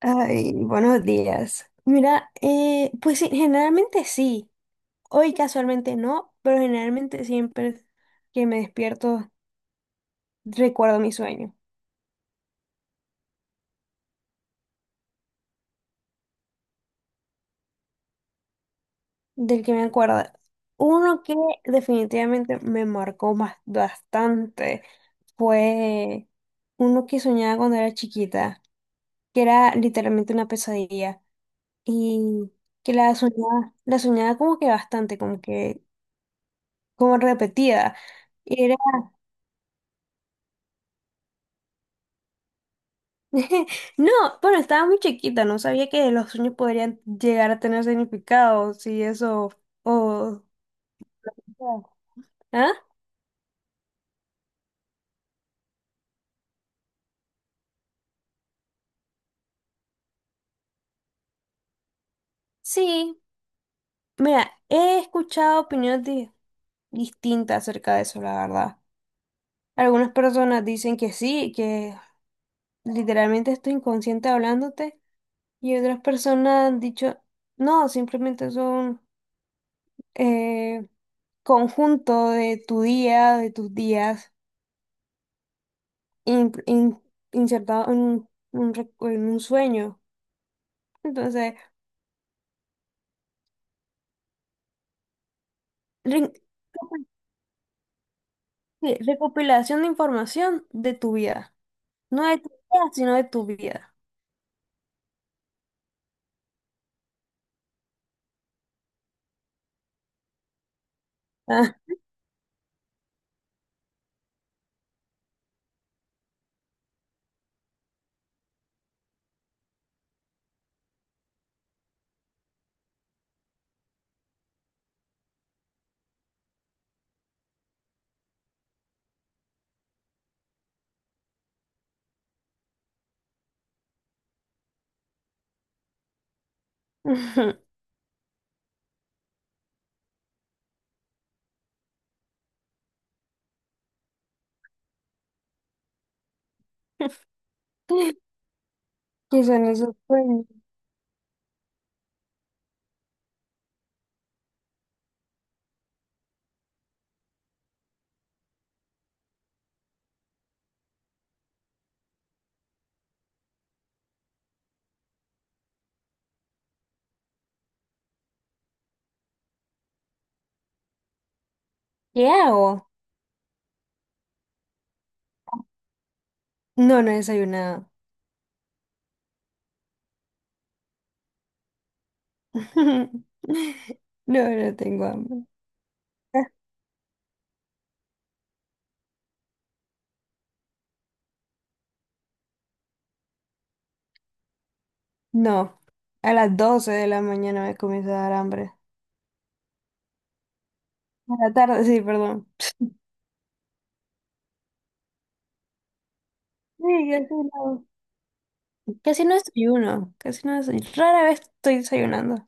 Ay, buenos días. Mira, pues sí, generalmente sí. Hoy casualmente no, pero generalmente siempre que me despierto recuerdo mi sueño, del que me acuerdo. Uno que definitivamente me marcó más, bastante fue uno que soñaba cuando era chiquita, que era literalmente una pesadilla y que la soñaba como que bastante, como repetida. No, bueno, estaba muy chiquita, no sabía que los sueños podrían llegar a tener significado, si eso, o... ¿Ah? Sí, mira, he escuchado opiniones distintas acerca de eso, la verdad. Algunas personas dicen que sí, que literalmente estoy inconsciente hablándote, y otras personas han dicho, no, simplemente son eh, conjunto de tu día, de tus días. in- in- insertado en un en un sueño. Entonces, re- sí, recopilación de información de tu vida. No de tu vida, sino de tu vida. Ah. ¿Qué son esos sueños? ¿Qué hago? No, no he desayunado. No, no tengo hambre. Ah, no, a las 12:00 de la mañana me comienza a dar hambre. A la tarde, sí, perdón. Sí, casi no. Casi no desayuno, casi no desayuno. Rara vez estoy desayunando.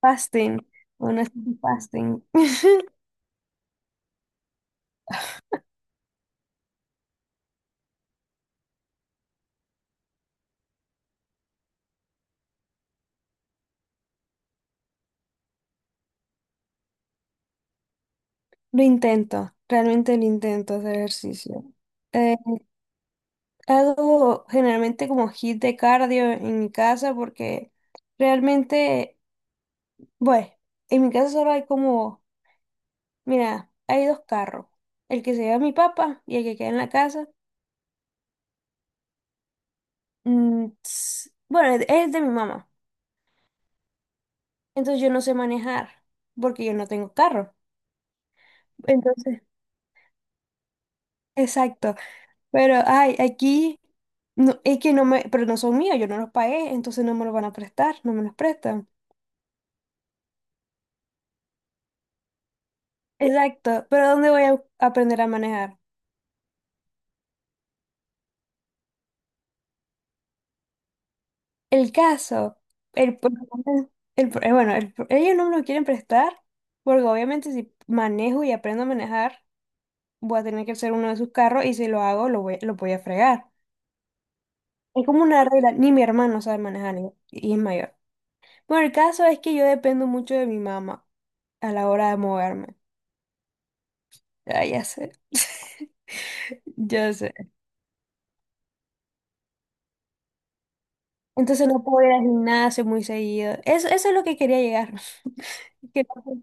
Fasting. Bueno, es fasting. Lo intento, realmente lo intento hacer ejercicio. Eh, hago generalmente como hit de cardio en mi casa porque realmente, bueno, en mi casa solo hay como, mira, hay dos carros, el que se lleva mi papá y el que queda en la casa. Bueno, es de mi mamá, entonces yo no sé manejar porque yo no tengo carro. Entonces, exacto. Pero, ay, aquí no, es que no me, pero no son míos, yo no los pagué, entonces no me los van a prestar, no me los prestan. Exacto, pero ¿dónde voy a aprender a manejar? El caso, el, pro- el pro- bueno, el pro- ellos no me lo quieren prestar, porque obviamente si manejo y aprendo a manejar, voy a tener que ser uno de sus carros y si lo hago, lo voy a fregar. Es como una regla, ni mi hermano sabe manejar y es mayor. Bueno, el caso es que yo dependo mucho de mi mamá a la hora de moverme. Ah, ya sé. Ya sé. Entonces no puedo ir al gimnasio muy seguido. Eso es lo que quería llegar. Que no puedo.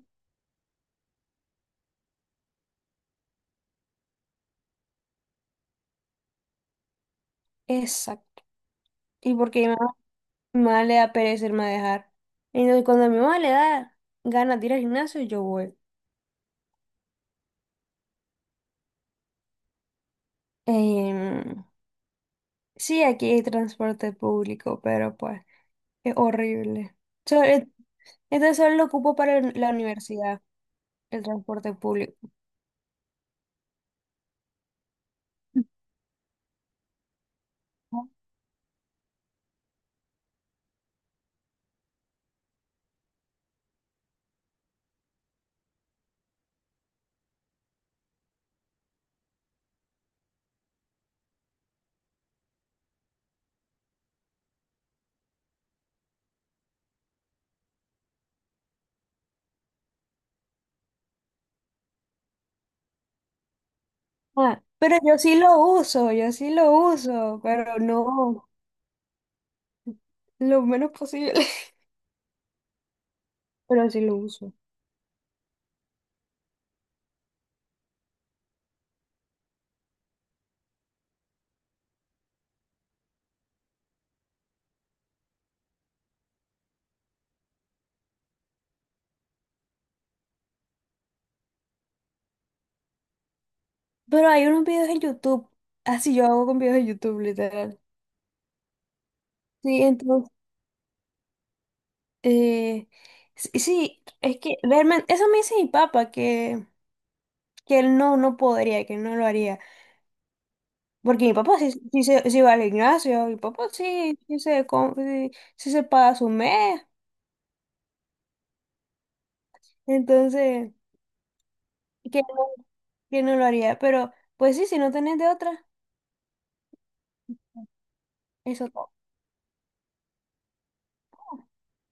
Exacto. Y porque mi mamá, Mi mamá le da pereza irme a dejar. Entonces cuando a mi mamá le da ganas de ir al gimnasio, yo voy. Em, sí, aquí hay transporte público, pero pues es horrible. So- eh, entonces solo lo ocupo para la universidad, el transporte público. Ah, pero yo sí lo uso, yo sí lo uso, pero no lo menos posible, pero sí lo uso. Pero hay unos videos en YouTube, así yo hago con videos en YouTube, literal. Sí, entonces, eh, sí, sí, es que realmente, eso me dice mi papá, que él no, no podría, que él no lo haría. Porque mi papá sí, sí, sí va al gimnasio, mi papá sí, sí se, sí, sí se paga su mes, entonces, que no, que no lo haría. Pero, pues sí, si no tenés de otra. Eso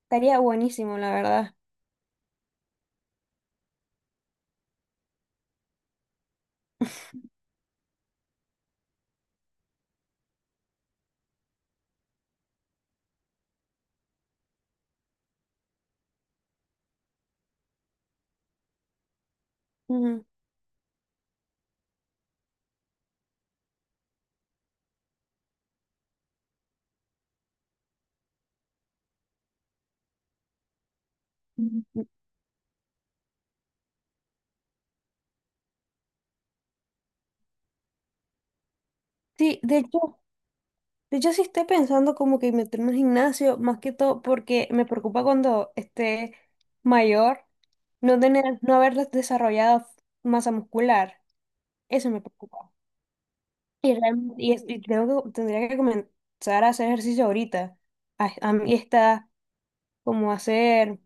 estaría buenísimo, la verdad. Ujú. Ujú. Sí, de hecho sí estoy pensando como que meterme al gimnasio, más que todo porque me preocupa cuando esté mayor no tener, no haber desarrollado masa muscular. Eso me preocupa. Y, realmente, y tendría que comenzar a hacer ejercicio ahorita. A mí está como hacer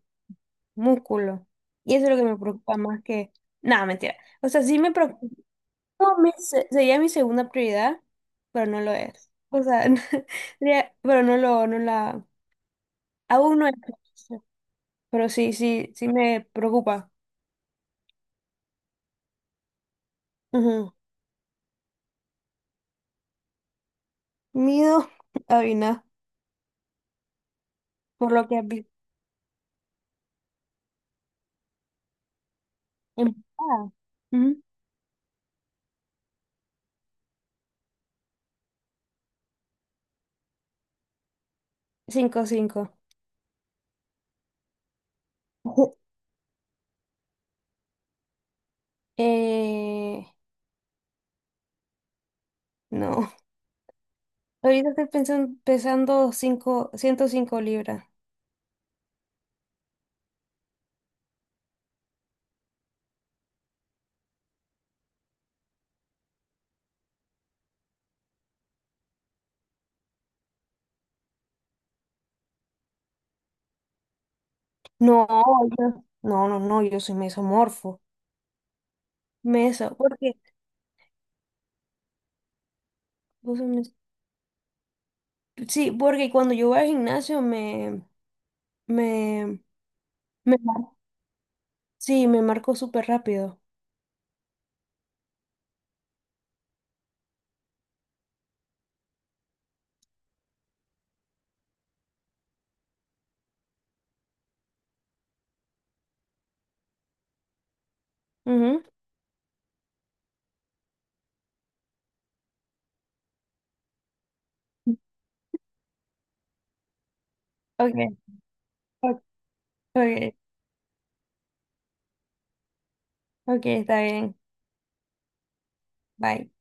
músculo. Y eso es lo que me preocupa más que... Nada, mentira. O sea, sí me preocupa. No, sería mi segunda prioridad, pero no lo es. O sea, no, sería, pero no lo, no la, aún no es. Pero sí, sí, sí me preocupa. Ujú. Miedo, Avina, por lo que has visto. Empatada. Ujú. 5'5". Ujú. Eh, no. Ahorita estoy pesando cinco, 105 libras. No, no, no, no, yo soy mesomorfo. Meso, porque sí, porque cuando yo voy al gimnasio me, me, me mar- sí, me marco súper rápido. Ujú. Ok, ok, ok, ok, está bien. Bye.